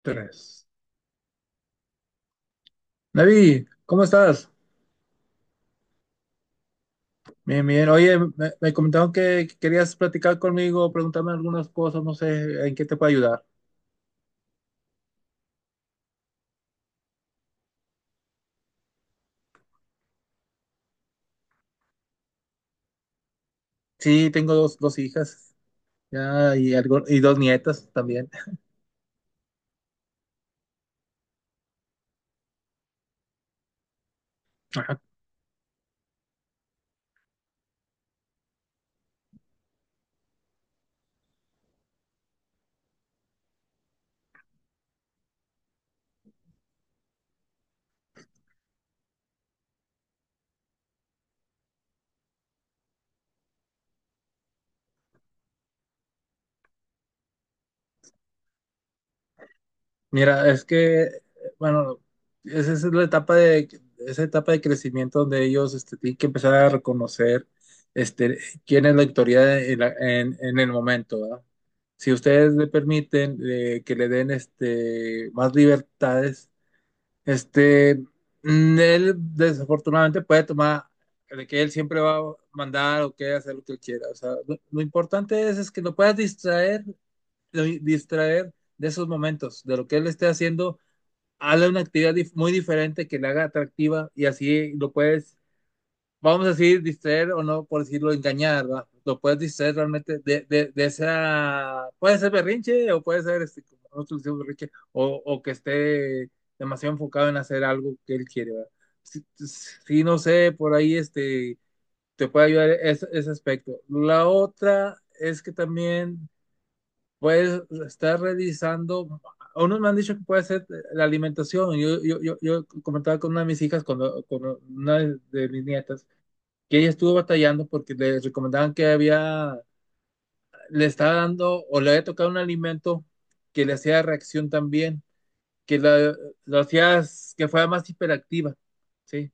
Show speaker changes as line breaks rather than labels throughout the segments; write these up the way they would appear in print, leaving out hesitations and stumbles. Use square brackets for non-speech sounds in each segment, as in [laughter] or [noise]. Tres. David, ¿cómo estás? Bien, bien. Oye, me comentaron que querías platicar conmigo, preguntarme algunas cosas, no sé, ¿en qué te puedo ayudar? Sí, tengo dos hijas, ya, y dos nietas también. Ajá. Mira, es que, bueno, esa es la etapa de, esa etapa de crecimiento donde ellos tienen que empezar a reconocer este, quién es la autoridad en el momento, ¿verdad? Si ustedes le permiten que le den más libertades. Este, Él desafortunadamente puede tomar de que él siempre va a mandar o que hacer lo que él quiera. O sea, lo importante es que lo puedas distraer, distraer de esos momentos, de lo que él esté haciendo. Hazle una actividad muy diferente que le haga atractiva y así lo puedes, vamos a decir, distraer o, no, por decirlo, engañar, ¿verdad? Lo puedes distraer realmente de esa, puede ser berrinche o puede ser, como nosotros decimos, berrinche, o que esté demasiado enfocado en hacer algo que él quiere, ¿verdad? Sí, sí, no sé, por ahí te puede ayudar ese aspecto. La otra es que también puedes estar revisando. Unos me han dicho que puede ser la alimentación. Yo comentaba con una de mis hijas, cuando, con una de mis nietas, que ella estuvo batallando porque le recomendaban que había, le estaba dando o le había tocado un alimento que le hacía reacción también, que la- lo hacía, que fuera más hiperactiva, ¿sí?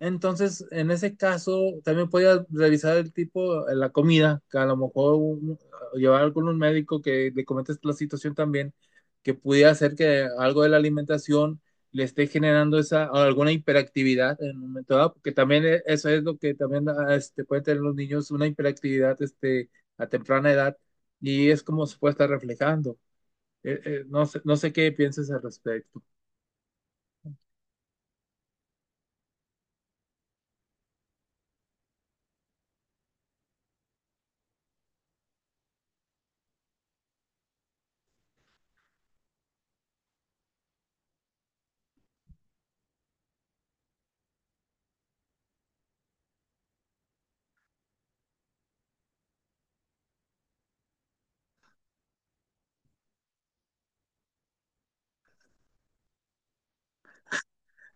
Entonces, en ese caso, también podía revisar el tipo, la comida, que a lo mejor llevar con un médico que le comentes la situación también, que pudiera hacer que algo de la alimentación le esté generando esa o alguna hiperactividad en un momento dado, porque también, eso es lo que también, pueden tener los niños, una hiperactividad, a temprana edad, y es como se puede estar reflejando. No sé, no sé qué piensas al respecto.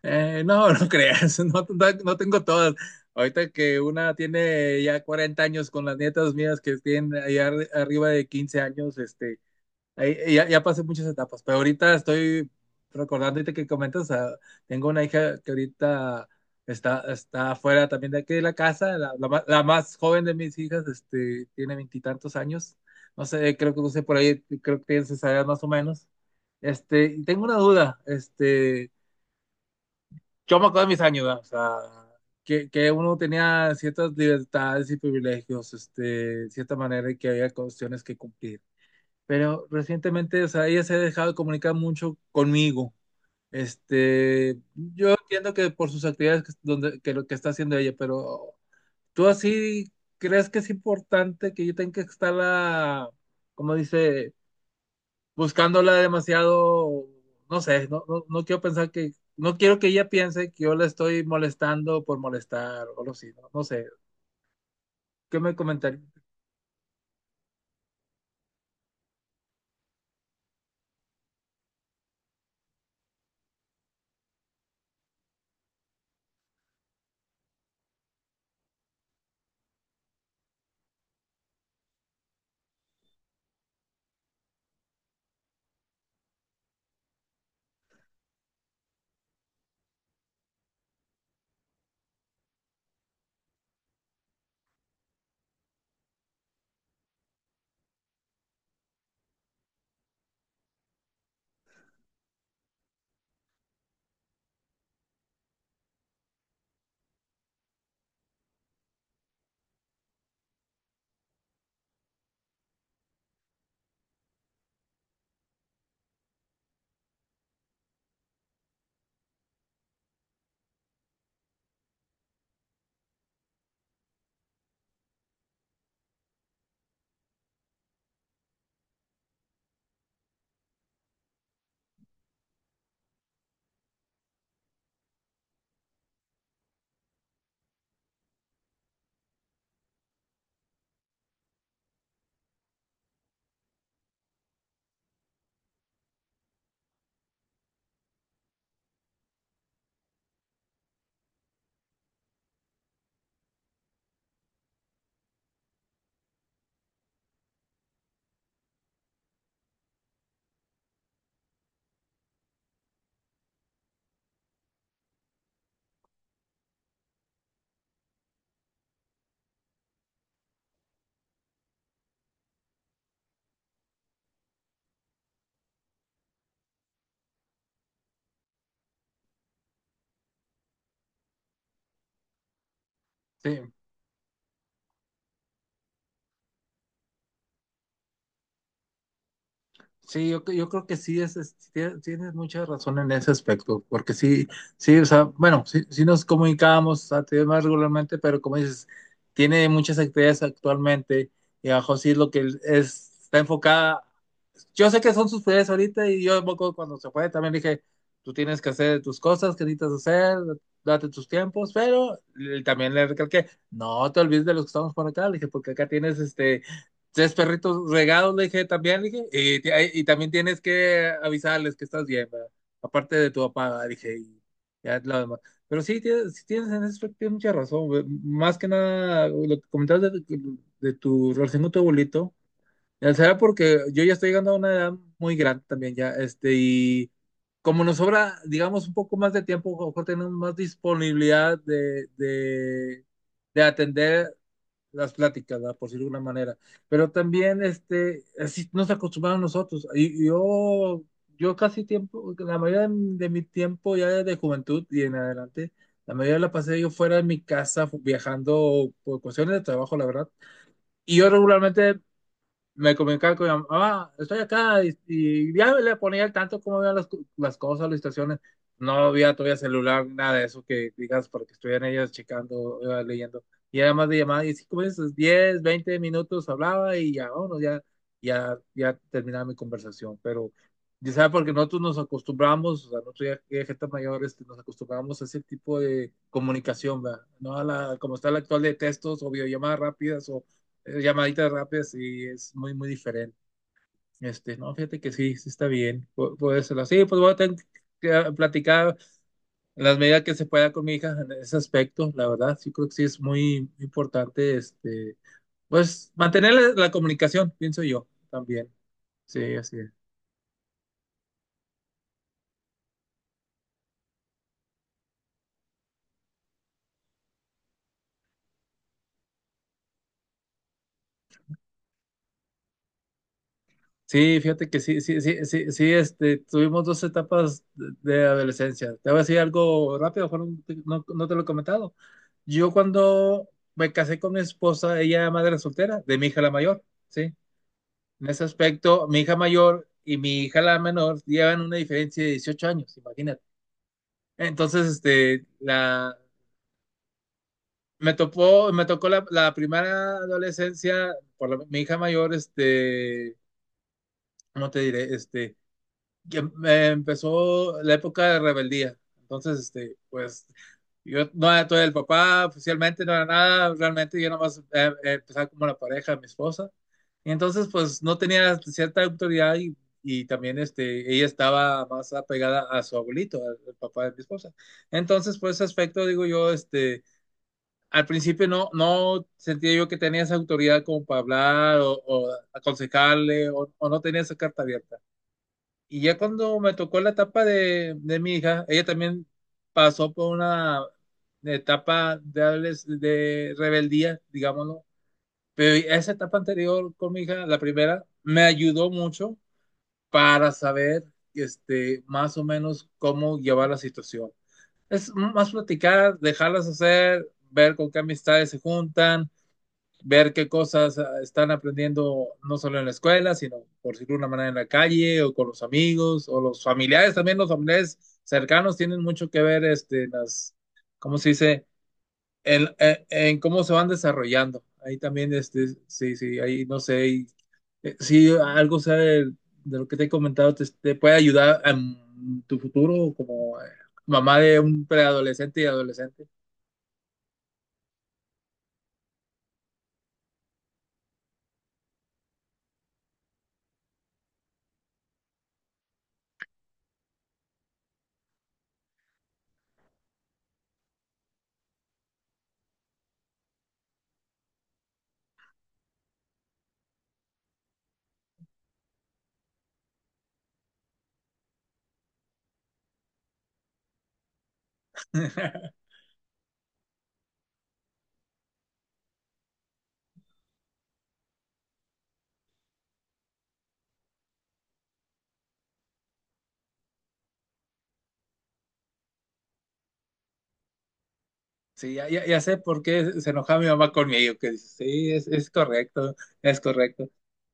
No, no creas, [laughs] no, no, no tengo todas. Ahorita que una tiene ya 40 años, con las nietas mías que tienen allá arriba de 15 años, ahí ya, ya pasé muchas etapas, pero ahorita estoy recordando, ahorita que comentas, tengo una hija que ahorita está afuera también de aquí de la casa. La más joven de mis hijas, tiene veintitantos años, no sé, creo que no sé por ahí, creo que tienes esa edad más o menos. Y tengo una duda. Yo me acuerdo de mis años, ¿verdad? O sea, que uno tenía ciertas libertades y privilegios, de cierta manera, y que había cuestiones que cumplir. Pero recientemente, o sea, ella se ha dejado de comunicar mucho conmigo. Yo entiendo que por sus actividades, que donde, que lo que está haciendo ella, pero tú, así, ¿crees que es importante que yo tenga que estarla, como dice, buscándola demasiado? No sé, no quiero pensar que, no quiero que ella piense que yo la estoy molestando por molestar o algo así, no, no sé, ¿qué me comentaría? Sí, sí, yo creo que sí. Tienes mucha razón en ese aspecto, porque sí, sí, o sea, bueno, sí, nos comunicábamos antes más regularmente, pero como dices, tiene muchas actividades actualmente, y abajo sí es lo que es, está enfocada. Yo sé que son sus prioridades ahorita, y yo cuando se fue también dije, tú tienes que hacer tus cosas que necesitas hacer, date tus tiempos, pero también le recalqué, no te olvides de los que estamos por acá, le dije, porque acá tienes tres perritos regados, le dije también, y también tienes que avisarles que estás bien, ¿verdad? Aparte de tu papá, le dije, y ya lo demás. Pero sí, sí tienes, en eso tienes mucha razón, güey. Más que nada, lo que comentabas de, tu relación con tu abuelito. Ya será porque yo ya estoy llegando a una edad muy grande también ya, y como nos sobra, digamos, un poco más de tiempo, a lo mejor tenemos más disponibilidad de atender las pláticas, ¿verdad? Por decirlo de alguna manera. Pero también, así nos acostumbramos nosotros. Y yo, yo casi tiempo, la mayoría de mi tiempo ya de juventud y en adelante, la mayoría la pasé yo fuera de mi casa, viajando por cuestiones de trabajo, la verdad. Y yo regularmente me comunicaba con mi mamá, "Ah, estoy acá", y ya le ponía al tanto cómo vean las, las cosas, las situaciones. No había todavía celular, nada de eso, que digas, para que estuvieran ellas checando, leyendo. Y era más de llamada, y sí, como veces, 10, 20 minutos hablaba y ya, vámonos, ya terminaba mi conversación. Pero ya sabes, porque nosotros nos acostumbramos, o sea, nosotros ya, ya gente mayor, nos acostumbramos a ese tipo de comunicación, ¿verdad? No a la, como está la actual, de textos o videollamadas rápidas o, llamaditas rápidas, y es muy, muy diferente. No, fíjate que sí, sí está bien. Puede serlo. Sí, pues voy a tener que, platicar en las medidas que se pueda con mi hija en ese aspecto, la verdad. Sí, creo que sí es muy importante, pues mantener la comunicación, pienso yo también. Sí, así es. Sí, fíjate que sí, tuvimos dos etapas de adolescencia. Te voy a decir algo rápido, no, no te lo he comentado. Yo cuando me casé con mi esposa, ella era madre soltera, de mi hija la mayor, ¿sí? En ese aspecto, mi hija mayor y mi hija la menor llevan una diferencia de 18 años, imagínate. Entonces, me tocó la primera adolescencia por mi hija mayor. ¿Cómo te diré? Que, Empezó la época de rebeldía. Entonces, pues yo no era todo el papá, oficialmente no era nada, realmente yo nomás, empezaba como la pareja de mi esposa. Y entonces, pues no tenía cierta autoridad, y también, ella estaba más apegada a su abuelito, al papá de mi esposa. Entonces, por ese aspecto, digo yo, al principio no, sentía yo que tenía esa autoridad como para hablar, o, aconsejarle, no tenía esa carta abierta. Y ya cuando me tocó la etapa de mi hija, ella también pasó por una etapa de, de rebeldía, digámoslo. Pero esa etapa anterior con mi hija, la primera, me ayudó mucho para saber, más o menos cómo llevar la situación. Es más platicar, dejarlas hacer, ver con qué amistades se juntan, ver qué cosas, están aprendiendo, no solo en la escuela, sino, por decirlo de una manera, en la calle o con los amigos o los familiares. También los familiares cercanos tienen mucho que ver, ¿cómo se dice? En cómo se van desarrollando. Ahí también, sí, sí, ahí no sé, si algo sea lo que te he comentado, te puede ayudar en tu futuro como, mamá de un preadolescente y adolescente. [laughs] Sí, ya, ya sé por qué se enojaba mi mamá conmigo, que dice, sí, es correcto, es correcto.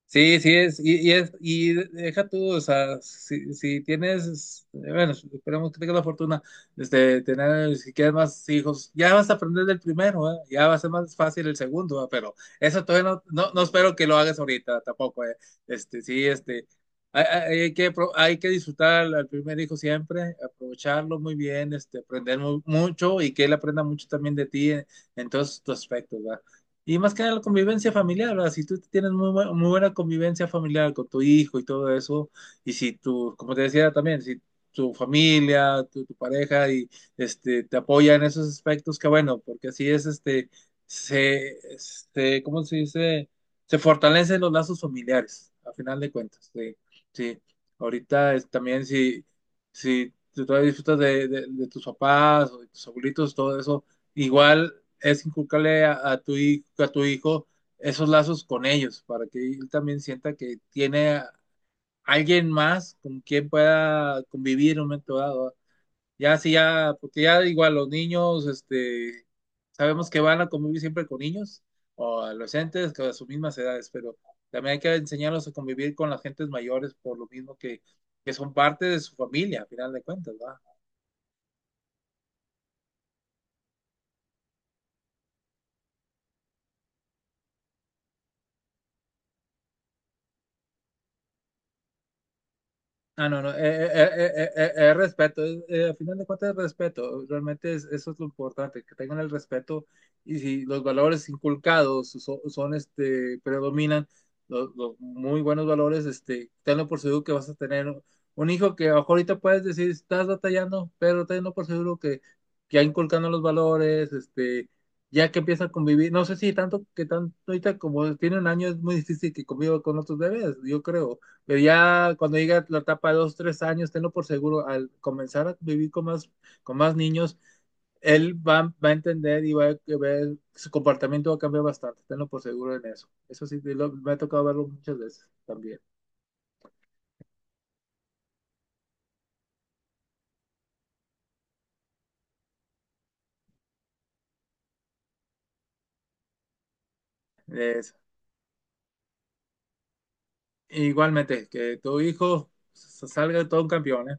Sí, sí es, y deja tú, o sea, si, tienes, bueno, esperemos que tengas la fortuna, si quieres más hijos, ya vas a aprender del primero, ¿eh? Ya va a ser más fácil el segundo, ¿eh? Pero eso todavía no, espero que lo hagas ahorita tampoco, ¿eh? Este, sí, este, Hay, hay que, hay que disfrutar al primer hijo siempre, aprovecharlo muy bien, aprender, mucho, y que él aprenda mucho también de ti en, todos tus aspectos, ¿verdad? Y más que nada la convivencia familiar, ¿verdad? Si tú tienes muy, muy buena convivencia familiar con tu hijo y todo eso, y si tú, como te decía también, si tu familia, tu pareja te apoya en esos aspectos, que bueno, porque así es este se este, ¿cómo se dice? Se fortalecen los lazos familiares, a final de cuentas. Sí. Sí. Ahorita es también, si, si tú todavía disfrutas de, de tus papás o de tus abuelitos, todo eso, igual es inculcarle a tu hijo, esos lazos con ellos, para que él también sienta que tiene a alguien más con quien pueda convivir en un momento dado. Ya sí, ya, porque ya igual los niños, sabemos que van a convivir siempre con niños o adolescentes que a sus mismas edades, pero también hay que enseñarlos a convivir con las gentes mayores, por lo mismo que son parte de su familia, a final de cuentas, ¿verdad? Ah, no, respeto, a final de cuentas es respeto, realmente es, eso es lo importante, que tengan el respeto. Y si los valores inculcados son, predominan, los muy buenos valores, tenlo por seguro que vas a tener un hijo que a lo mejor ahorita puedes decir, estás batallando, pero tenlo por seguro que, ya inculcando los valores, ya que empieza a convivir, no sé si tanto, que tanto ahorita, como tiene 1 año, es muy difícil que conviva con otros bebés, yo creo, pero ya cuando llega la etapa de 2, 3 años, tenlo por seguro, al comenzar a vivir con más, niños, él va, a entender y va a ver, su comportamiento va a cambiar bastante, tenlo por seguro en eso. Eso sí, me ha tocado verlo muchas veces también. Es- Igualmente, que tu hijo, salga todo un campeón, ¿eh?